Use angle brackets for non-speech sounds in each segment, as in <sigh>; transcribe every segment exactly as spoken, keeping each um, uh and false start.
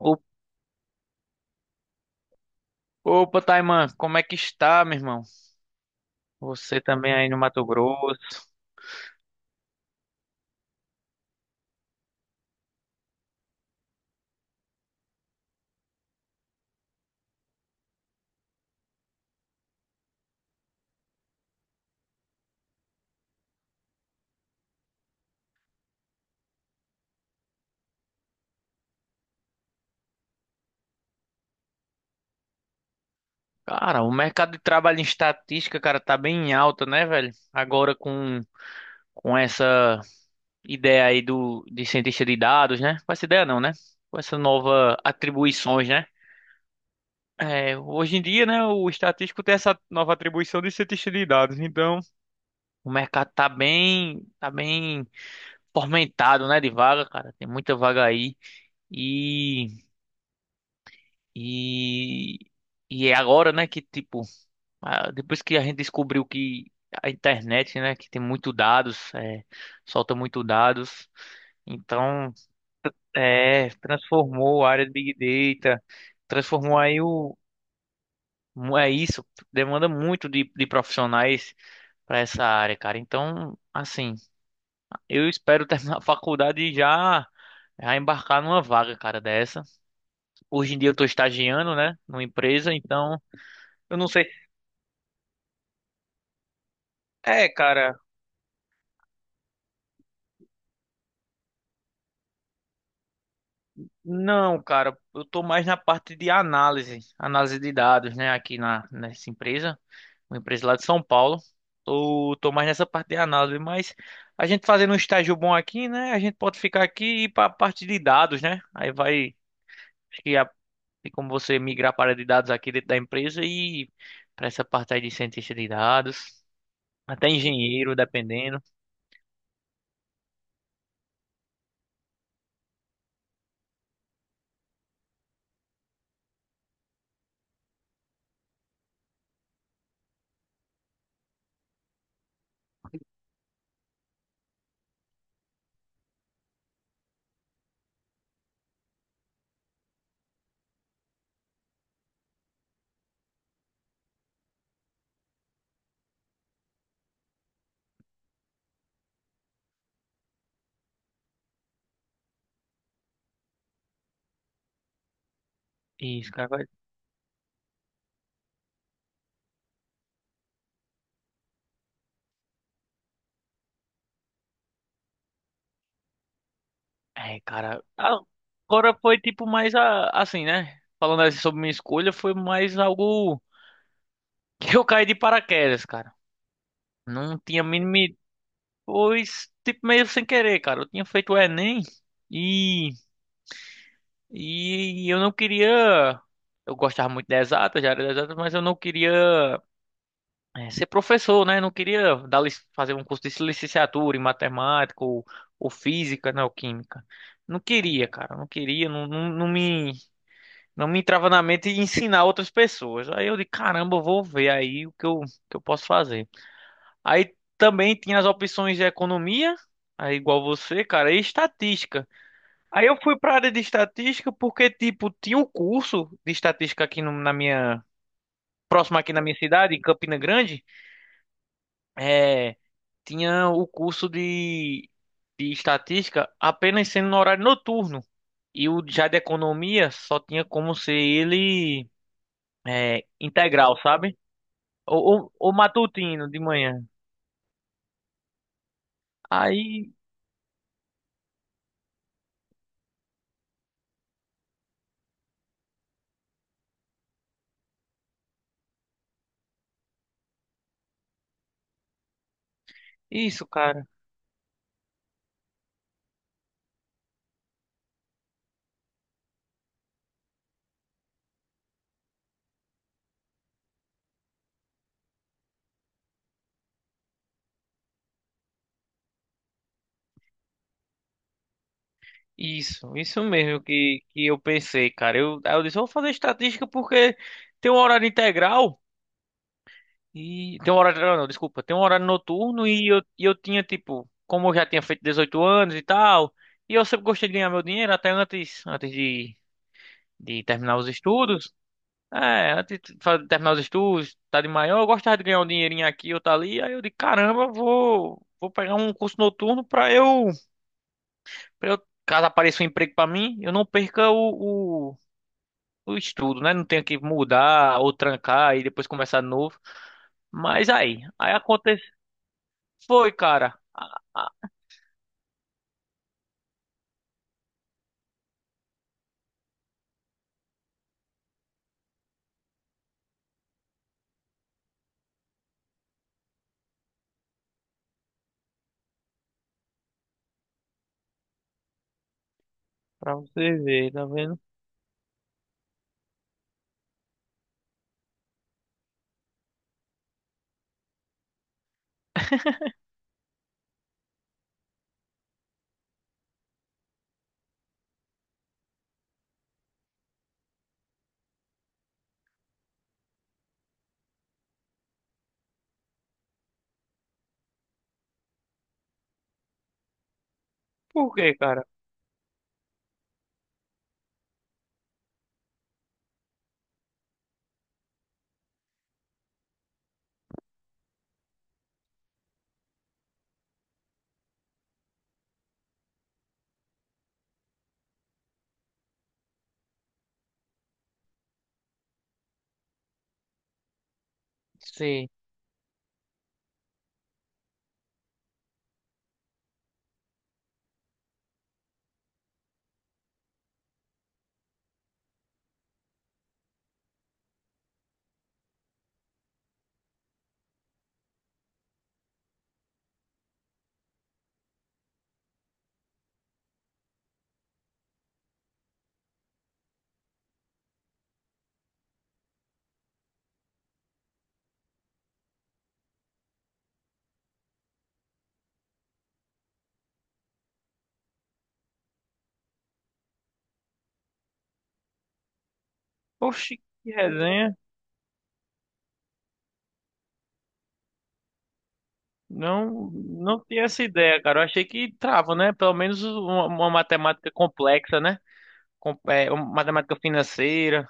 O- Opa, Taiman, como é que está, meu irmão? Você também aí no Mato Grosso. Cara, o mercado de trabalho em estatística, cara, tá bem em alta, né, velho? Agora com, com essa ideia aí do, de cientista de dados, né? Com essa ideia não, né? Com essa nova atribuições, né? É, hoje em dia, né, o estatístico tem essa nova atribuição de cientista de dados. Então, o mercado tá bem, tá bem fomentado, né, de vaga, cara. Tem muita vaga aí. E E, e é agora, né, que tipo, ah, depois que a gente descobriu que a internet, né, que tem muito dados, é, solta muito dados, então, é, transformou a área de Big Data, transformou aí o, é isso, demanda muito de, de profissionais para essa área, cara. Então, assim, eu espero <laughs> terminar a faculdade e já, já embarcar numa vaga, cara, dessa. Hoje em dia eu tô estagiando, né, numa empresa, então, eu não sei. É, cara. Não, cara, eu tô mais na parte de análise, análise de dados, né, aqui na nessa empresa, uma empresa lá de São Paulo. Tô, tô mais nessa parte de análise, mas a gente fazendo um estágio bom aqui, né, a gente pode ficar aqui e ir para a parte de dados, né? Aí vai, acho que a- tem como você migrar para a área de dados aqui dentro da empresa e para essa parte aí de cientista de dados, até engenheiro, dependendo. Isso, cara, vai. É, cara, agora foi tipo mais a, assim, né? Falando assim sobre minha escolha, foi mais algo <laughs> que eu caí de paraquedas, cara. Não tinha mínimo, pois tipo meio sem querer, cara. Eu tinha feito o Enem e e eu não queria. Eu gostava muito de exatas, já era de exatas, mas eu não queria eh, ser professor, né? Não queria dar, lic- fazer um curso de licenciatura em matemática ou, ou física, né? Ou química. Não queria, cara. Não queria, não, não, não me Não me entrava na mente ensinar outras pessoas. Aí eu de caramba, eu vou ver aí o que eu, que eu posso fazer. Aí também tinha as opções de economia, aí igual você, cara, e estatística. Aí eu fui para área de estatística porque, tipo, tinha um curso de estatística aqui no- na minha, próximo aqui na minha cidade, em Campina Grande, é, tinha o curso de, de estatística apenas sendo no horário noturno. E o já de economia só tinha como ser ele é, integral, sabe? O, o, o matutino de manhã. Aí, isso, cara. Isso, isso mesmo que, que eu pensei, cara. Eu, aí eu disse, vou fazer estatística porque tem um horário integral e. Tem um horário integral, não, desculpa. Tem um horário noturno e eu, e eu tinha, tipo, como eu já tinha feito dezoito anos e tal, e eu sempre gostei de ganhar meu dinheiro, até antes, antes de, de terminar os estudos. É, antes de fa- terminar os estudos, tá de maior, eu gostava de ganhar um dinheirinho aqui ou tá ali. Aí eu disse, caramba, vou, vou pegar um curso noturno pra eu. Pra eu, caso apareça um emprego pra mim, eu não perca o, o, o estudo, né? Não tenho que mudar ou trancar e depois começar de novo. Mas aí, aí aconteceu. Foi, cara. Ah, pra você ver, tá vendo? Por quê, cara? Sim. Oxi, que resenha. Não, não tinha essa ideia, cara. Eu achei que trava, né? Pelo menos uma, uma matemática complexa, né? Com, é, uma matemática financeira.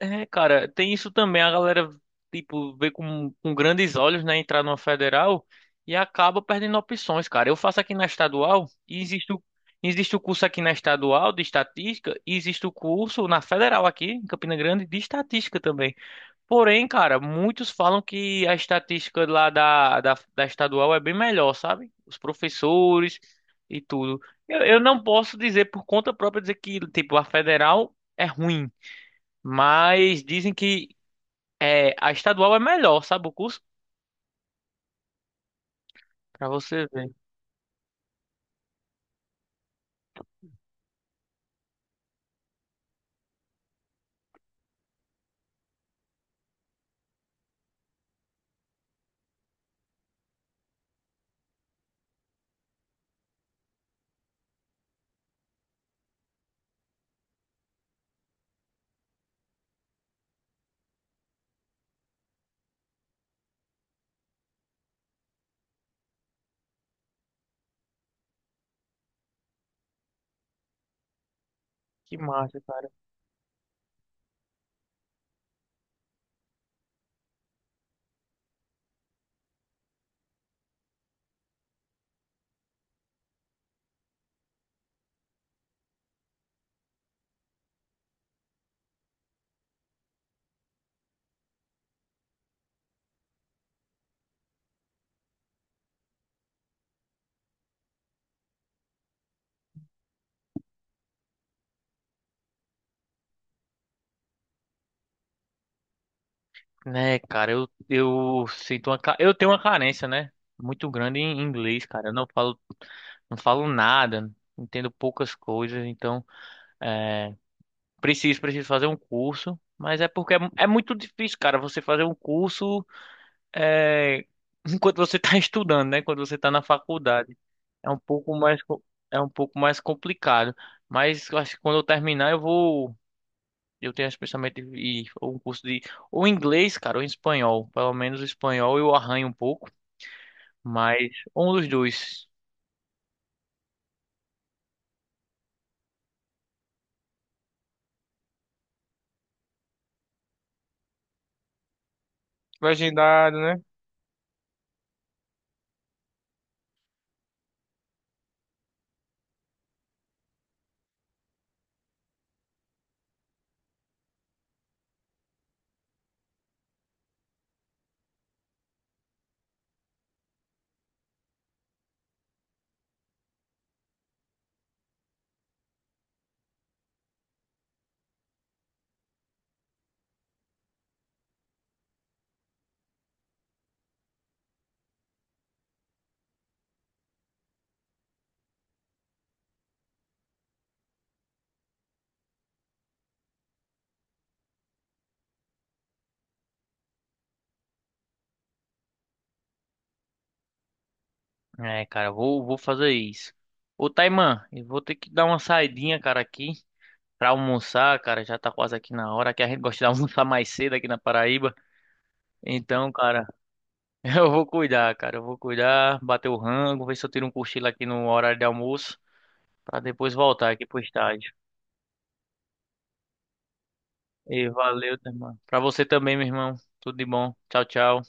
É, cara, tem isso também. A galera, tipo, vê com, com grandes olhos, né, entrar numa federal e acaba perdendo opções, cara. Eu faço aqui na estadual e existe o, existe o curso aqui na estadual de estatística e existe o curso na federal aqui, em Campina Grande, de estatística também. Porém, cara, muitos falam que a estatística lá da, da, da estadual é bem melhor, sabe? Os professores e tudo. Eu, eu não posso dizer por conta própria dizer que, tipo, a federal é ruim. Mas dizem que é, a estadual é melhor, sabe o curso? Pra você ver. Que massa, cara. Né, cara, eu, eu sinto uma, ca- eu tenho uma carência, né? Muito grande em inglês, cara. Eu não falo, não falo nada, entendo poucas coisas, então é, preciso, preciso fazer um curso. Mas é porque é, mu- é muito difícil, cara, você fazer um curso é, enquanto você está <laughs> estudando, né? Quando você está na faculdade. É um pouco mais, co- é um pouco mais complicado. Mas eu acho que quando eu terminar, eu vou. Eu tenho esse pensamento de ir ou um curso de. Ou inglês, cara, ou espanhol. Pelo menos o espanhol eu arranho um pouco. Mas um dos dois. Legendado, né? É, cara, eu vou, vou fazer isso. Ô, Taiman, eu vou ter que dar uma saidinha, cara, aqui pra almoçar, cara. Já tá quase aqui na hora, que a gente gosta de <laughs> almoçar mais cedo aqui na Paraíba. Então, cara. <laughs> Eu vou cuidar, cara. Eu vou cuidar, bater o rango, ver se eu tiro um cochilo aqui no horário de almoço, pra depois voltar aqui pro estádio. E valeu, tá, irmão. Pra você também, meu irmão. Tudo de bom. Tchau, tchau.